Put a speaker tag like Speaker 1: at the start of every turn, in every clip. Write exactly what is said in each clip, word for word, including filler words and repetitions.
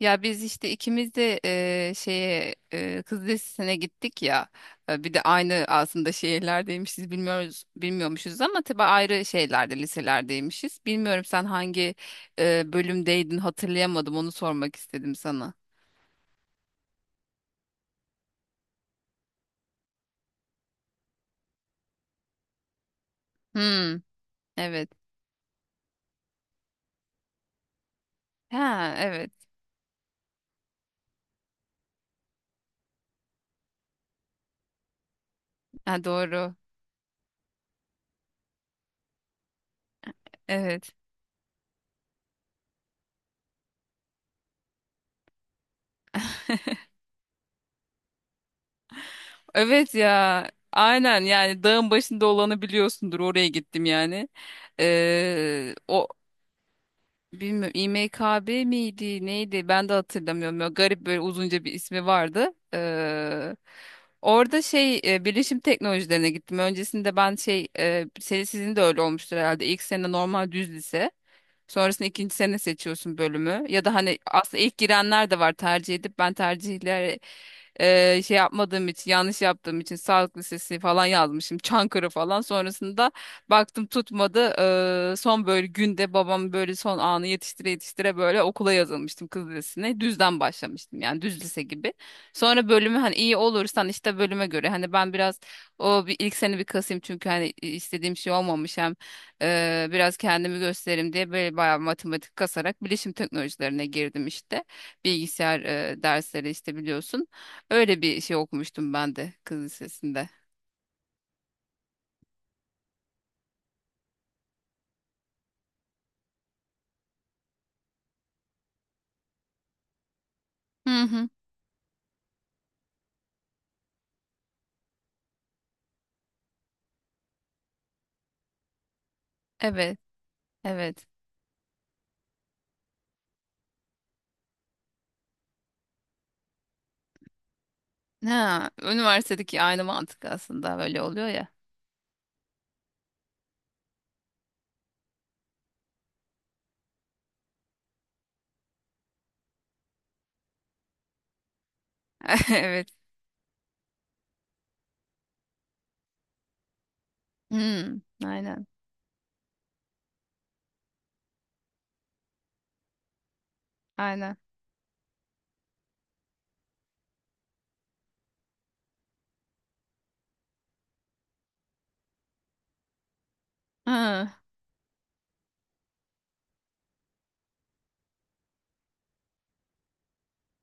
Speaker 1: Ya biz işte ikimiz de eee, şeye eee, Kız Lisesi'ne gittik ya. E, bir de aynı aslında şehirlerdeymişiz bilmiyoruz bilmiyormuşuz ama tabii ayrı şeylerde liselerdeymişiz. Bilmiyorum sen hangi eee, bölümdeydin hatırlayamadım onu sormak istedim sana. Hmm, evet. Ha evet. Ha doğru. Evet. Evet ya. Aynen yani dağın başında olanı biliyorsundur oraya gittim yani. Eee, o Bilmiyorum İMKB miydi neydi ben de hatırlamıyorum. Böyle garip böyle uzunca bir ismi vardı. Ee, orada şey e, bilişim teknolojilerine gittim. Öncesinde ben şey e, senin sizin de öyle olmuştur herhalde. İlk sene normal düz lise. Sonrasında ikinci sene seçiyorsun bölümü. Ya da hani aslında ilk girenler de var tercih edip ben tercihleri e, şey yapmadığım için yanlış yaptığım için sağlık lisesi falan yazmışım. Çankırı falan. Sonrasında baktım tutmadı. E, son böyle günde babam böyle son anı yetiştire yetiştire böyle okula yazılmıştım kız lisesine. Düzden başlamıştım yani düz lise gibi. Sonra bölümü hani iyi olursan işte bölüme göre hani ben biraz o bir ilk sene bir kasayım çünkü hani istediğim şey olmamış hem Eee, biraz kendimi göstereyim diye böyle bayağı matematik kasarak bilişim teknolojilerine girdim işte. Bilgisayar eee, dersleri işte biliyorsun. Öyle bir şey okumuştum ben de kız lisesinde. Hı hı. Evet, evet. Ha, üniversitedeki aynı mantık aslında böyle oluyor ya. Evet. Hmm, aynen, aynen. Ha.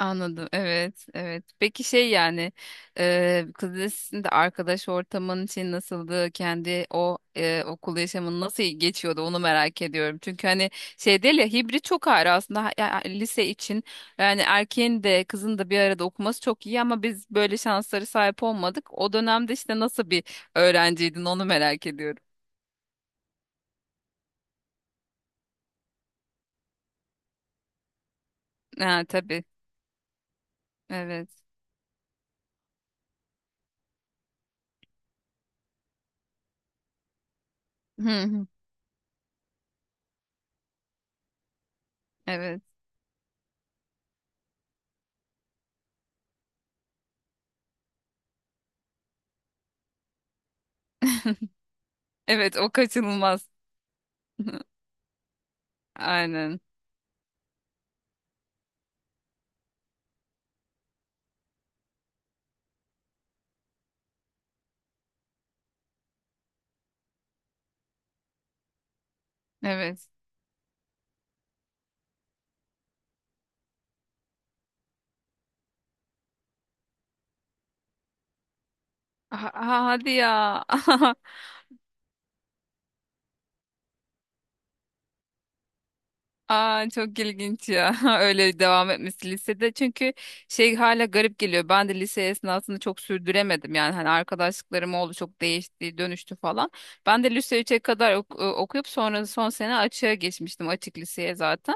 Speaker 1: Anladım. Evet, evet. Peki şey yani e, kız lisesinde arkadaş ortamın için nasıldı? Kendi o e, okul yaşamın nasıl geçiyordu? Onu merak ediyorum. Çünkü hani şey değil ya hibrit çok ayrı aslında Ha- ya- lise için. Yani erkeğin de kızın da bir arada okuması çok iyi ama biz böyle şansları sahip olmadık. O dönemde işte nasıl bir öğrenciydin onu merak ediyorum. Ha tabii. Evet. Hı hı. Evet. Evet, o kaçınılmaz. Aynen. Evet. Ha- ha- hadi ya. Aa, çok ilginç ya öyle devam etmesi lisede çünkü şey hala garip geliyor. Ben de lise esnasında çok sürdüremedim yani hani arkadaşlıklarım oldu çok değişti dönüştü falan. Ben de lise üçe kadar ok- e, okuyup sonra son sene açığa geçmiştim açık liseye zaten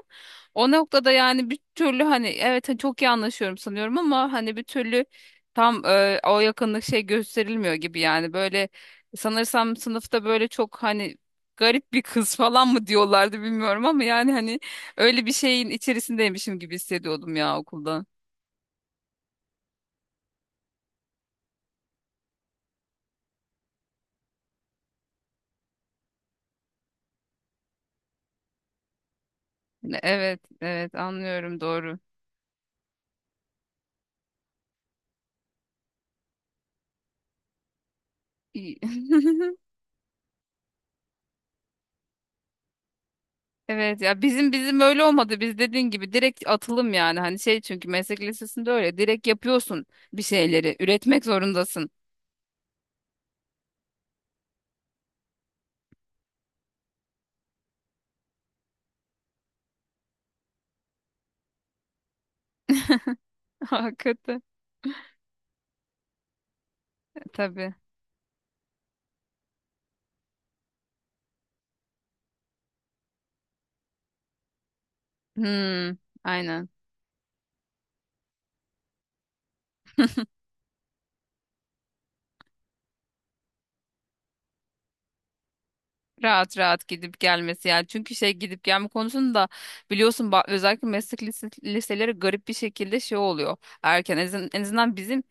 Speaker 1: o noktada yani bir türlü hani evet hani çok iyi anlaşıyorum sanıyorum ama hani bir türlü tam e, o yakınlık şey gösterilmiyor gibi yani böyle sanırsam sınıfta böyle çok hani garip bir kız falan mı diyorlardı bilmiyorum ama yani hani öyle bir şeyin içerisindeymişim gibi hissediyordum ya okulda. Hani evet, evet anlıyorum doğru. İyi. Evet ya bizim bizim öyle olmadı. Biz dediğin gibi direkt atılım yani. Hani şey çünkü meslek lisesinde öyle direkt yapıyorsun bir şeyleri. Üretmek zorundasın. Hakikaten. E, Tabii. Hmm, aynen. Rahat rahat gidip gelmesi yani. Çünkü şey gidip gelme konusunda biliyorsun ba- özellikle meslek lise- liseleri garip bir şekilde şey oluyor. Erken en azın- en azından bizim.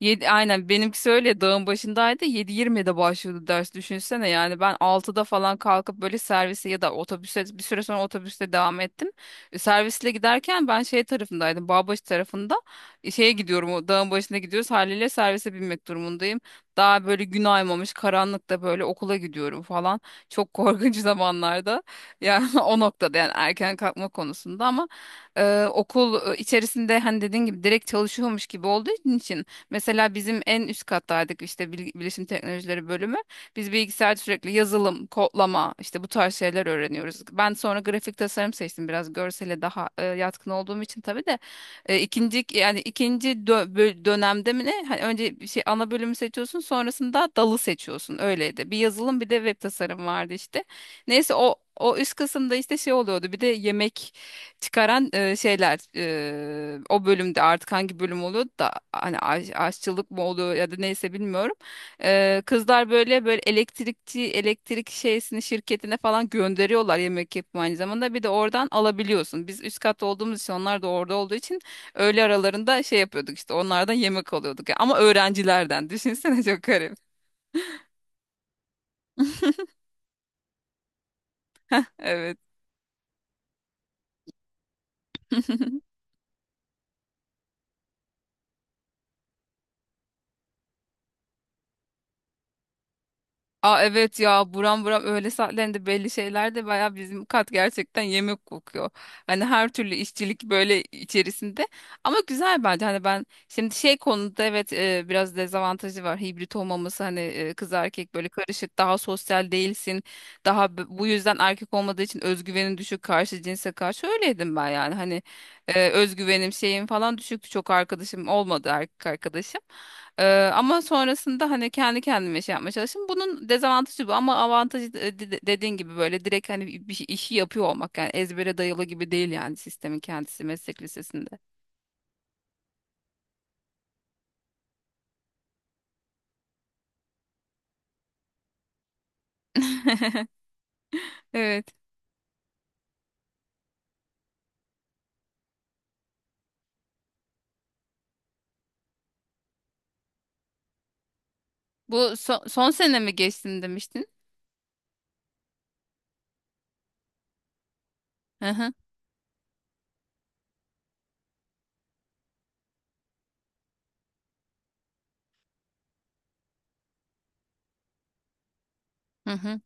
Speaker 1: Yedi, aynen benimkisi öyle dağın başındaydı yedi yirmide başlıyordu ders düşünsene yani ben altıda falan kalkıp böyle servise ya da otobüse bir süre sonra otobüste devam ettim. E, Servisle giderken ben şey tarafındaydım Bağbaşı tarafında. E, şeye gidiyorum o dağın başına gidiyoruz haliyle servise binmek durumundayım. Daha böyle gün aymamış karanlıkta böyle okula gidiyorum falan çok korkunç zamanlarda yani o noktada yani erken kalkma konusunda ama e, okul e, içerisinde hani dediğin gibi direkt çalışıyormuş gibi olduğu için. Mesela bizim en üst kattaydık işte bil- bilişim teknolojileri bölümü. Biz bilgisayarda sürekli yazılım, kodlama işte bu tarz şeyler öğreniyoruz. Ben sonra grafik tasarım seçtim biraz görsele daha e, yatkın olduğum için tabii de. E, ikinci yani ikinci dö- bö- dönemde mi ne? Hani önce bir şey ana bölümü seçiyorsun sonrasında dalı seçiyorsun öyleydi. Bir yazılım bir de web tasarım vardı işte. Neyse o o üst kısımda işte şey oluyordu bir de yemek çıkaran e, şeyler e, o bölümde artık hangi bölüm oluyor da hani aş- aşçılık mı oluyor ya da neyse bilmiyorum. E, kızlar böyle böyle elektrikçi elektrik şeysini şirketine falan gönderiyorlar yemek yapımı aynı zamanda bir de oradan alabiliyorsun. Biz üst kat olduğumuz için onlar da orada olduğu için öğle aralarında şey yapıyorduk işte onlardan yemek alıyorduk. Ama öğrencilerden düşünsene çok garip. Evet. Aa evet ya buram buram öğle saatlerinde belli şeyler de baya bizim kat gerçekten yemek kokuyor. Hani her türlü işçilik böyle içerisinde ama güzel bence hani ben şimdi şey konuda evet e, biraz dezavantajı var hibrit olmaması hani e, kız erkek böyle karışık daha sosyal değilsin daha b- bu yüzden erkek olmadığı için özgüvenin düşük karşı cinse karşı öyleydim ben yani hani e, özgüvenim şeyim falan düşüktü çok arkadaşım olmadı erkek arkadaşım. Ee, Ama sonrasında hani kendi kendime şey yapmaya çalıştım. Bunun dezavantajı bu ama avantajı de- de- dediğin gibi böyle direkt hani bir şey- işi yapıyor olmak yani ezbere dayalı gibi değil yani sistemin kendisi meslek lisesinde. Evet. Bu son, son sene mi geçtin demiştin? Hı hı. Hı hı.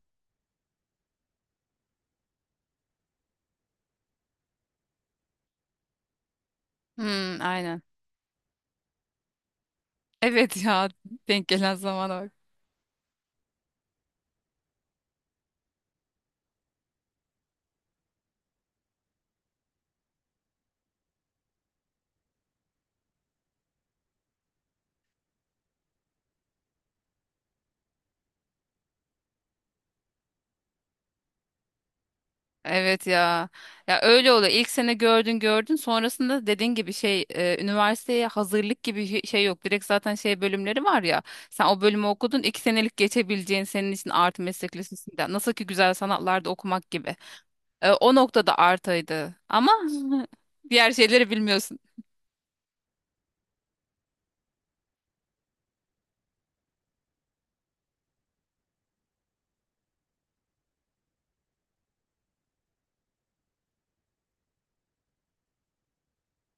Speaker 1: Hmm, aynen. Evet ya denk gelen zamana bak. Evet ya. Ya öyle oluyor. İlk sene gördün gördün. Sonrasında dediğin gibi şey e, üniversiteye hazırlık gibi hi- şey yok. Direkt zaten şey bölümleri var ya. Sen o bölümü okudun. İki senelik geçebileceğin senin için artı meslek lisesinden. Nasıl ki güzel sanatlarda okumak gibi. E, o noktada artıydı. Ama diğer şeyleri bilmiyorsun.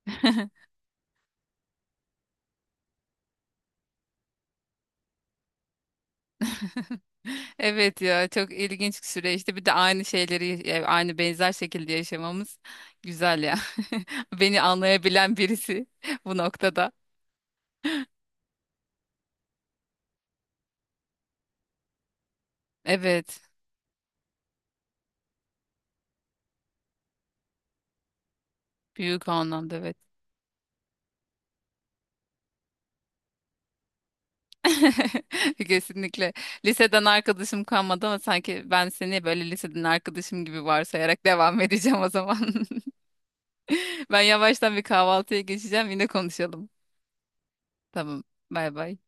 Speaker 1: Evet ya çok ilginç bir süreçti. Bir de aynı şeyleri e, aynı benzer şekilde yaşamamız güzel ya. Beni anlayabilen birisi bu noktada. Evet. Büyük anlamda evet. Kesinlikle. Liseden arkadaşım kalmadı ama sanki ben seni böyle liseden arkadaşım gibi varsayarak devam edeceğim o zaman. Ben yavaştan bir kahvaltıya geçeceğim. Yine konuşalım. Tamam. Bay bay.